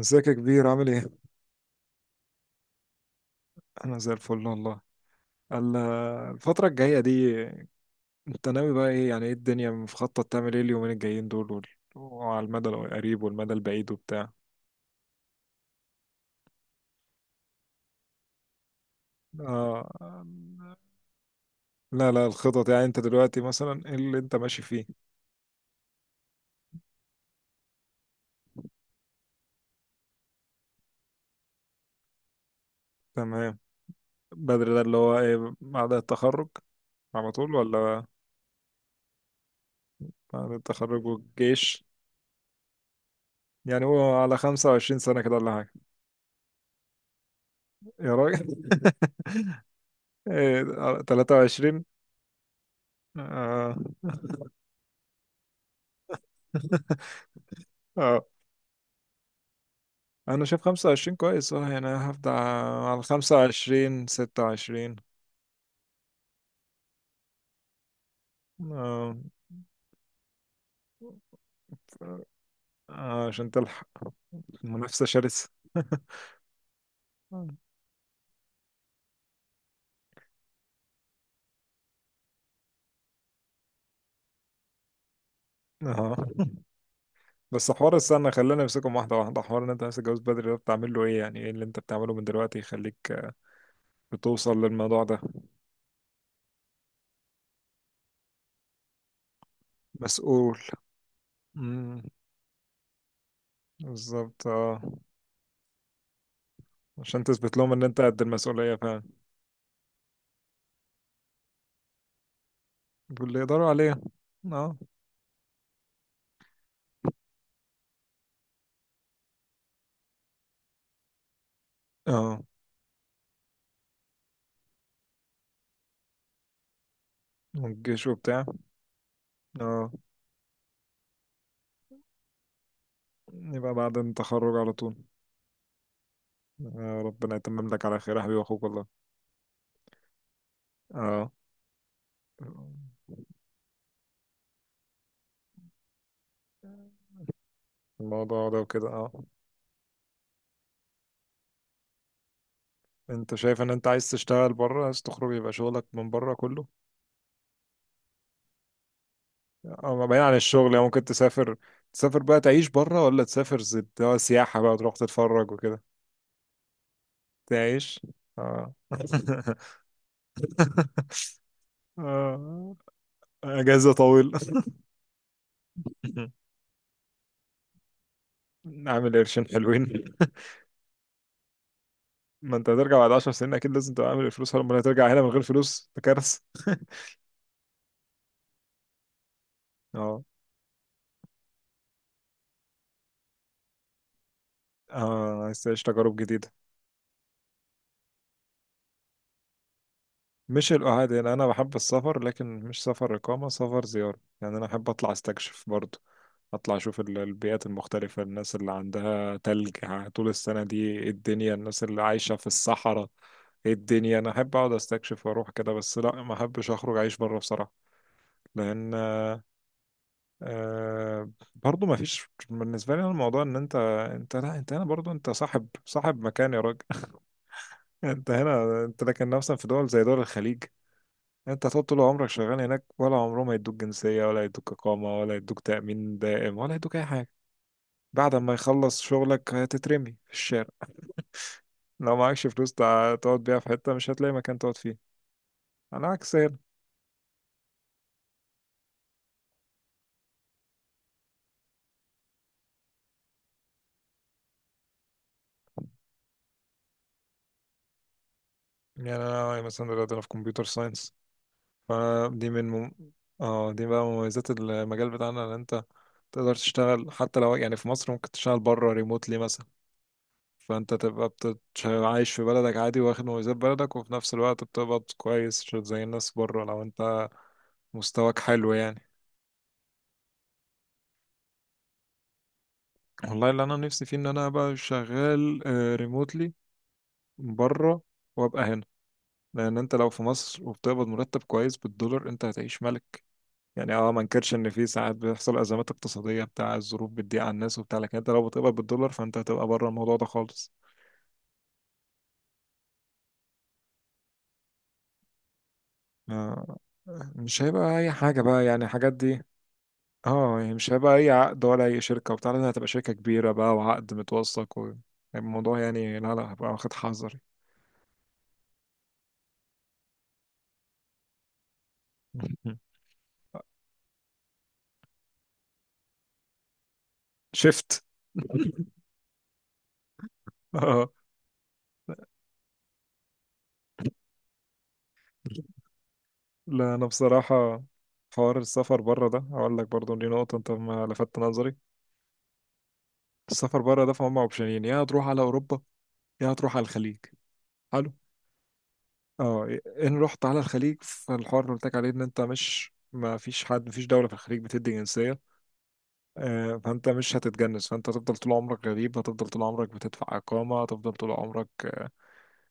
ازيك يا كبير؟ عامل ايه؟ انا زي الفل والله. ال- الفترة الجاية دي، انت ناوي بقى ايه؟ يعني ايه الدنيا؟ مخطط تعمل ايه اليومين الجايين دول وعلى المدى القريب والمدى البعيد وبتاع؟ آه. لا لا، الخطط يعني انت دلوقتي مثلا ايه اللي انت ماشي فيه؟ تمام. بدري ده اللي هو ايه؟ بعد التخرج على طول ولا؟ بعد التخرج والجيش؟ يعني هو على 25 سنة كده ولا حاجة؟ يا راجل إيه، 23. اه انا شايف 25 كويس. اه يعني أنا هبدأ على 25، 26. آه، آه، عشان تلحق منافسة شرسة اه، بس حوار السنة، خلينا نمسكهم واحدة واحدة. حوار ان انت نفسك تتجوز بدري ده، بتعمل له ايه؟ يعني ايه اللي انت بتعمله من دلوقتي يخليك بتوصل للموضوع ده؟ مسؤول. امم بالظبط اه، عشان تثبت لهم ان انت قد المسؤولية فعلا. واللي يقدروا عليها، اه. اه، والجيش وبتاع. اه، يبقى بعد التخرج على طول. آه، ربنا يتمم لك على خير يا حبيبي، اخوك والله. اه، الموضوع ده وكده اه. انت شايف ان انت عايز تشتغل بره؟ عايز تخرج يبقى شغلك من بره كله؟ اه، ما بعيد عن الشغل، يعني ممكن تسافر. تسافر بقى تعيش بره، ولا تسافر اللي هو سياحة بقى، تروح تتفرج وكده؟ تعيش، اه اه، اجازة طويلة عامل قرشين حلوين. ما انت هترجع بعد 10 سنين، اكيد لازم تبقى عامل الفلوس، امال هترجع هنا من غير فلوس؟ ده كارثه اه، اه، عايز تعيش تجارب جديده. مش القعاد، يعني انا بحب السفر لكن مش سفر اقامه، سفر زياره. يعني انا احب اطلع استكشف برضه، اطلع اشوف البيئات المختلفه، الناس اللي عندها تلج طول السنه دي ايه الدنيا، الناس اللي عايشه في الصحراء ايه الدنيا. انا احب اقعد استكشف واروح كده، بس لا، ما احبش اخرج اعيش بره بصراحه. لان برضه ما فيش بالنسبة لي. أنا الموضوع ان انت، انت لا، انت هنا برضه، انت صاحب مكان يا راجل انت هنا انت، لكن مثلا في دول زي دول الخليج، انت هتقعد طول عمرك شغال هناك؟ ولا عمرهم ما يدوك جنسية، ولا يدوك إقامة، ولا يدوك تأمين دائم، ولا يدوك أي حاجة. بعد ما يخلص شغلك هتترمي في الشارع. لو معكش فلوس تقعد بيها في حتة، مش هتلاقي مكان تقعد فيه. على عكس هنا. يعني أنا مثلا دلوقتي أنا في كمبيوتر ساينس. فدي من مم... اه، دي بقى مميزات المجال بتاعنا، ان انت تقدر تشتغل حتى لو يعني في مصر، ممكن تشتغل بره ريموتلي مثلا. فانت تبقى عايش في بلدك عادي، واخد مميزات بلدك، وفي نفس الوقت بتقبض كويس مش زي الناس بره، لو انت مستواك حلو يعني. والله اللي انا نفسي فيه ان انا ابقى شغال ريموتلي بره، وابقى هنا، لان انت لو في مصر وبتقبض مرتب كويس بالدولار، انت هتعيش ملك. يعني اه ما انكرش ان في ساعات بيحصل ازمات اقتصادية بتاع، الظروف بتضيق على الناس وبتاع، لكن انت لو بتقبض بالدولار فانت هتبقى بره الموضوع ده خالص. آه، مش هيبقى اي حاجه بقى، يعني الحاجات دي. اه يعني مش هيبقى اي عقد ولا اي شركه وبتاع، لازم هتبقى شركه كبيره بقى وعقد متوثق و... الموضوع يعني، لا لا، هبقى واخد حذري شفت اه، لا انا بصراحه، حوار السفر بره ده، هقول لك برضه دي نقطه انت ما لفتت نظري. السفر بره ده فهم اوبشنين: يا هتروح على اوروبا، يا هتروح على الخليج. حلو. اه، إيه، ان رحت على الخليج فالحوار اللي قلت لك عليه، ان انت مش، ما فيش حد، مفيش دولة في الخليج بتدي جنسية. آه، فانت مش هتتجنس، فانت هتفضل طول عمرك غريب، هتفضل طول عمرك بتدفع اقامة، هتفضل طول عمرك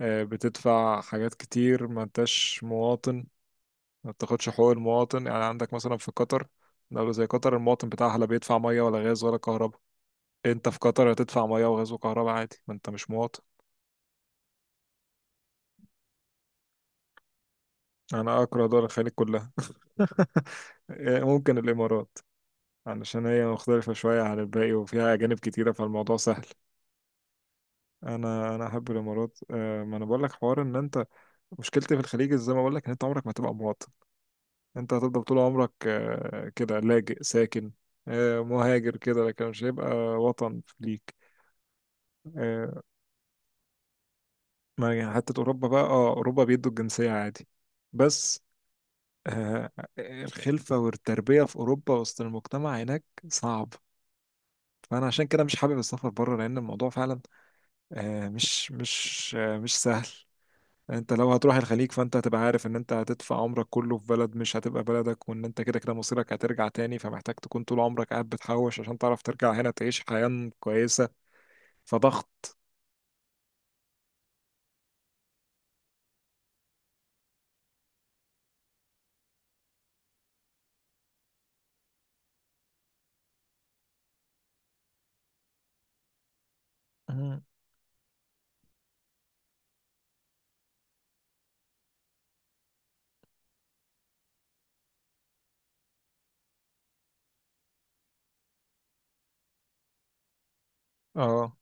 بتدفع حاجات كتير، ما انتش مواطن. ما بتاخدش حقوق المواطن، يعني عندك مثلا في قطر، دولة زي قطر، المواطن بتاعها لا بيدفع مية ولا غاز ولا كهرباء. انت في قطر هتدفع مية وغاز وكهرباء عادي، ما انت مش مواطن. انا اكره دول الخليج كلها آه، ممكن الامارات، علشان هي مختلفة شوية عن الباقي، وفيها أجانب كتيرة فالموضوع سهل. انا احب الامارات. آه، ما انا بقول لك حوار ان انت، مشكلتي في الخليج زي ما بقول لك، ان انت عمرك ما هتبقى مواطن. انت هتفضل طول عمرك كده لاجئ ساكن، مهاجر كده، لكن مش هيبقى وطن ليك. آه، ما يعني حتى اوروبا بقى، اه اوروبا بيدوا الجنسية عادي، بس آه، الخلفة والتربية في اوروبا وسط المجتمع هناك صعب. فانا عشان كده مش حابب السفر بره، لان الموضوع فعلا مش سهل. انت لو هتروح الخليج، فانت هتبقى عارف ان انت هتدفع عمرك كله في بلد مش هتبقى بلدك، وان انت كده كده مصيرك هترجع تاني، فمحتاج تكون طول عمرك قاعد بتحوش عشان تعرف ترجع هنا تعيش حياة كويسة. فضغط. مم. اه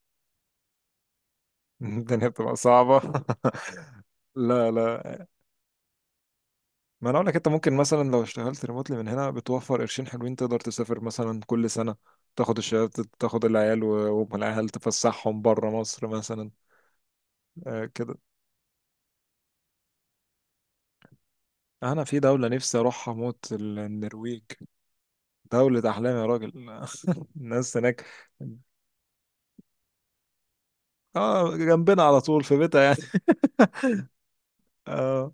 الدنيا بتبقى صعبة لا لا، ما انا اقول لك، انت ممكن مثلا لو اشتغلت ريموتلي من هنا بتوفر قرشين حلوين، تقدر تسافر مثلا كل سنة، تاخد الشباب، تاخد العيال والعيال تفسحهم بره مصر مثلا. آه كده. انا في دولة نفسي اروحها موت، النرويج. دولة أحلام يا راجل الناس هناك، اه، جنبنا على طول في بيتها يعني اه،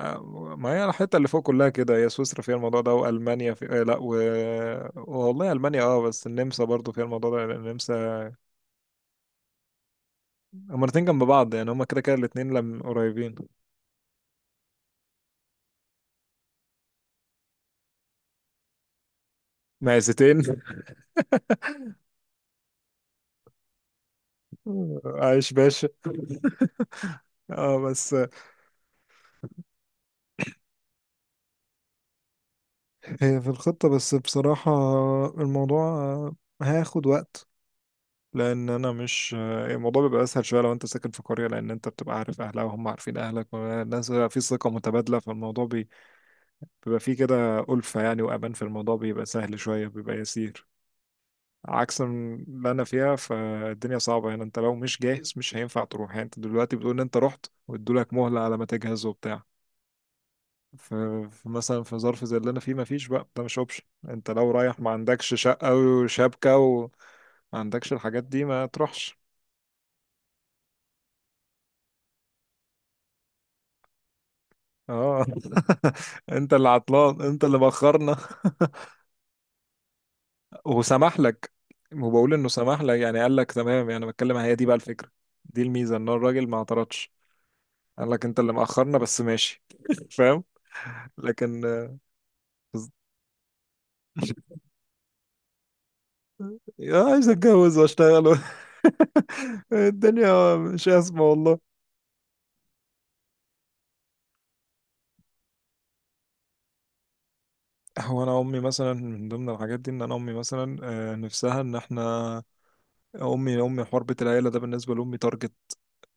آه، ما هي الحتة اللي فوق كلها كده، هي سويسرا فيها الموضوع ده، وألمانيا في لا و... والله ألمانيا اه، بس النمسا برضو فيها الموضوع ده، لأن النمسا، هما الاتنين جنب بعض، يعني هما كده كده الاتنين لم قريبين. معزتين عايش باشا. اه بس، هي في الخطة بس بصراحة، الموضوع هياخد وقت، لان انا مش، الموضوع بيبقى اسهل شويه لو انت ساكن في قريه، لان انت بتبقى عارف اهلها وهم عارفين اهلك، الناس بيبقى في ثقه متبادله، فالموضوع بيبقى فيه كده ألفة يعني، وامان في الموضوع، بيبقى سهل شويه بيبقى يسير. عكس اللي انا فيها، فالدنيا صعبه يعني، انت لو مش جاهز مش هينفع تروح. يعني انت دلوقتي بتقول ان انت رحت وادولك مهله على ما تجهز وبتاع ف- فمثلا في ظرف زي اللي انا فيه مفيش بقى، ده مش اوبشن. انت لو رايح ما عندكش شقه وشبكه وما عندكش الحاجات دي ما تروحش. اه انت اللي عطلان، انت اللي بخرنا وسمح لك، وبقول انه سمح لك، يعني قال لك تمام، يعني بتكلم هي دي بقى الفكره. دي الميزه، ان الراجل ما اعترضش، قال لك انت اللي مأخرنا بس ماشي فاهم. لكن يا عايز اتجوز واشتغل الدنيا مش اسمه والله. هو انا امي مثلا من ضمن الحاجات دي، ان انا امي مثلا نفسها ان احنا، امي حربة العيله ده بالنسبه لامي. تارجت،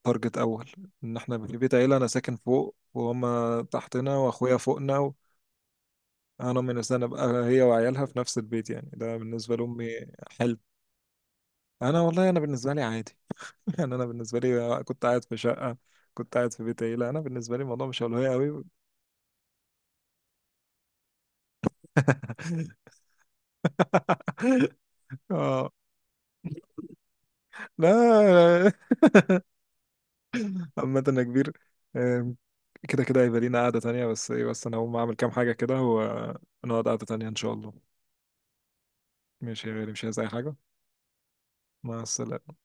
تارجت اول ان احنا في بيت عيله، انا ساكن فوق وهما تحتنا واخويا فوقنا و... انا من السنه ابقى هي وعيالها في نفس البيت، يعني ده بالنسبه لامي حلم. انا والله انا بالنسبه لي عادي يعني انا بالنسبه لي كنت قاعد في شقه، كنت قاعد في بيت عيله، انا بالنسبه لي الموضوع مش اولويه قوي اه، لا عامه انا كبير. آم، كده كده هيبقى لينا قعده تانية، بس ايه، بس انا هقوم اعمل كام حاجه كده ونقعد قعده تانية ان شاء الله. ماشي يا غالي، مش عايز اي حاجه. مع السلامة.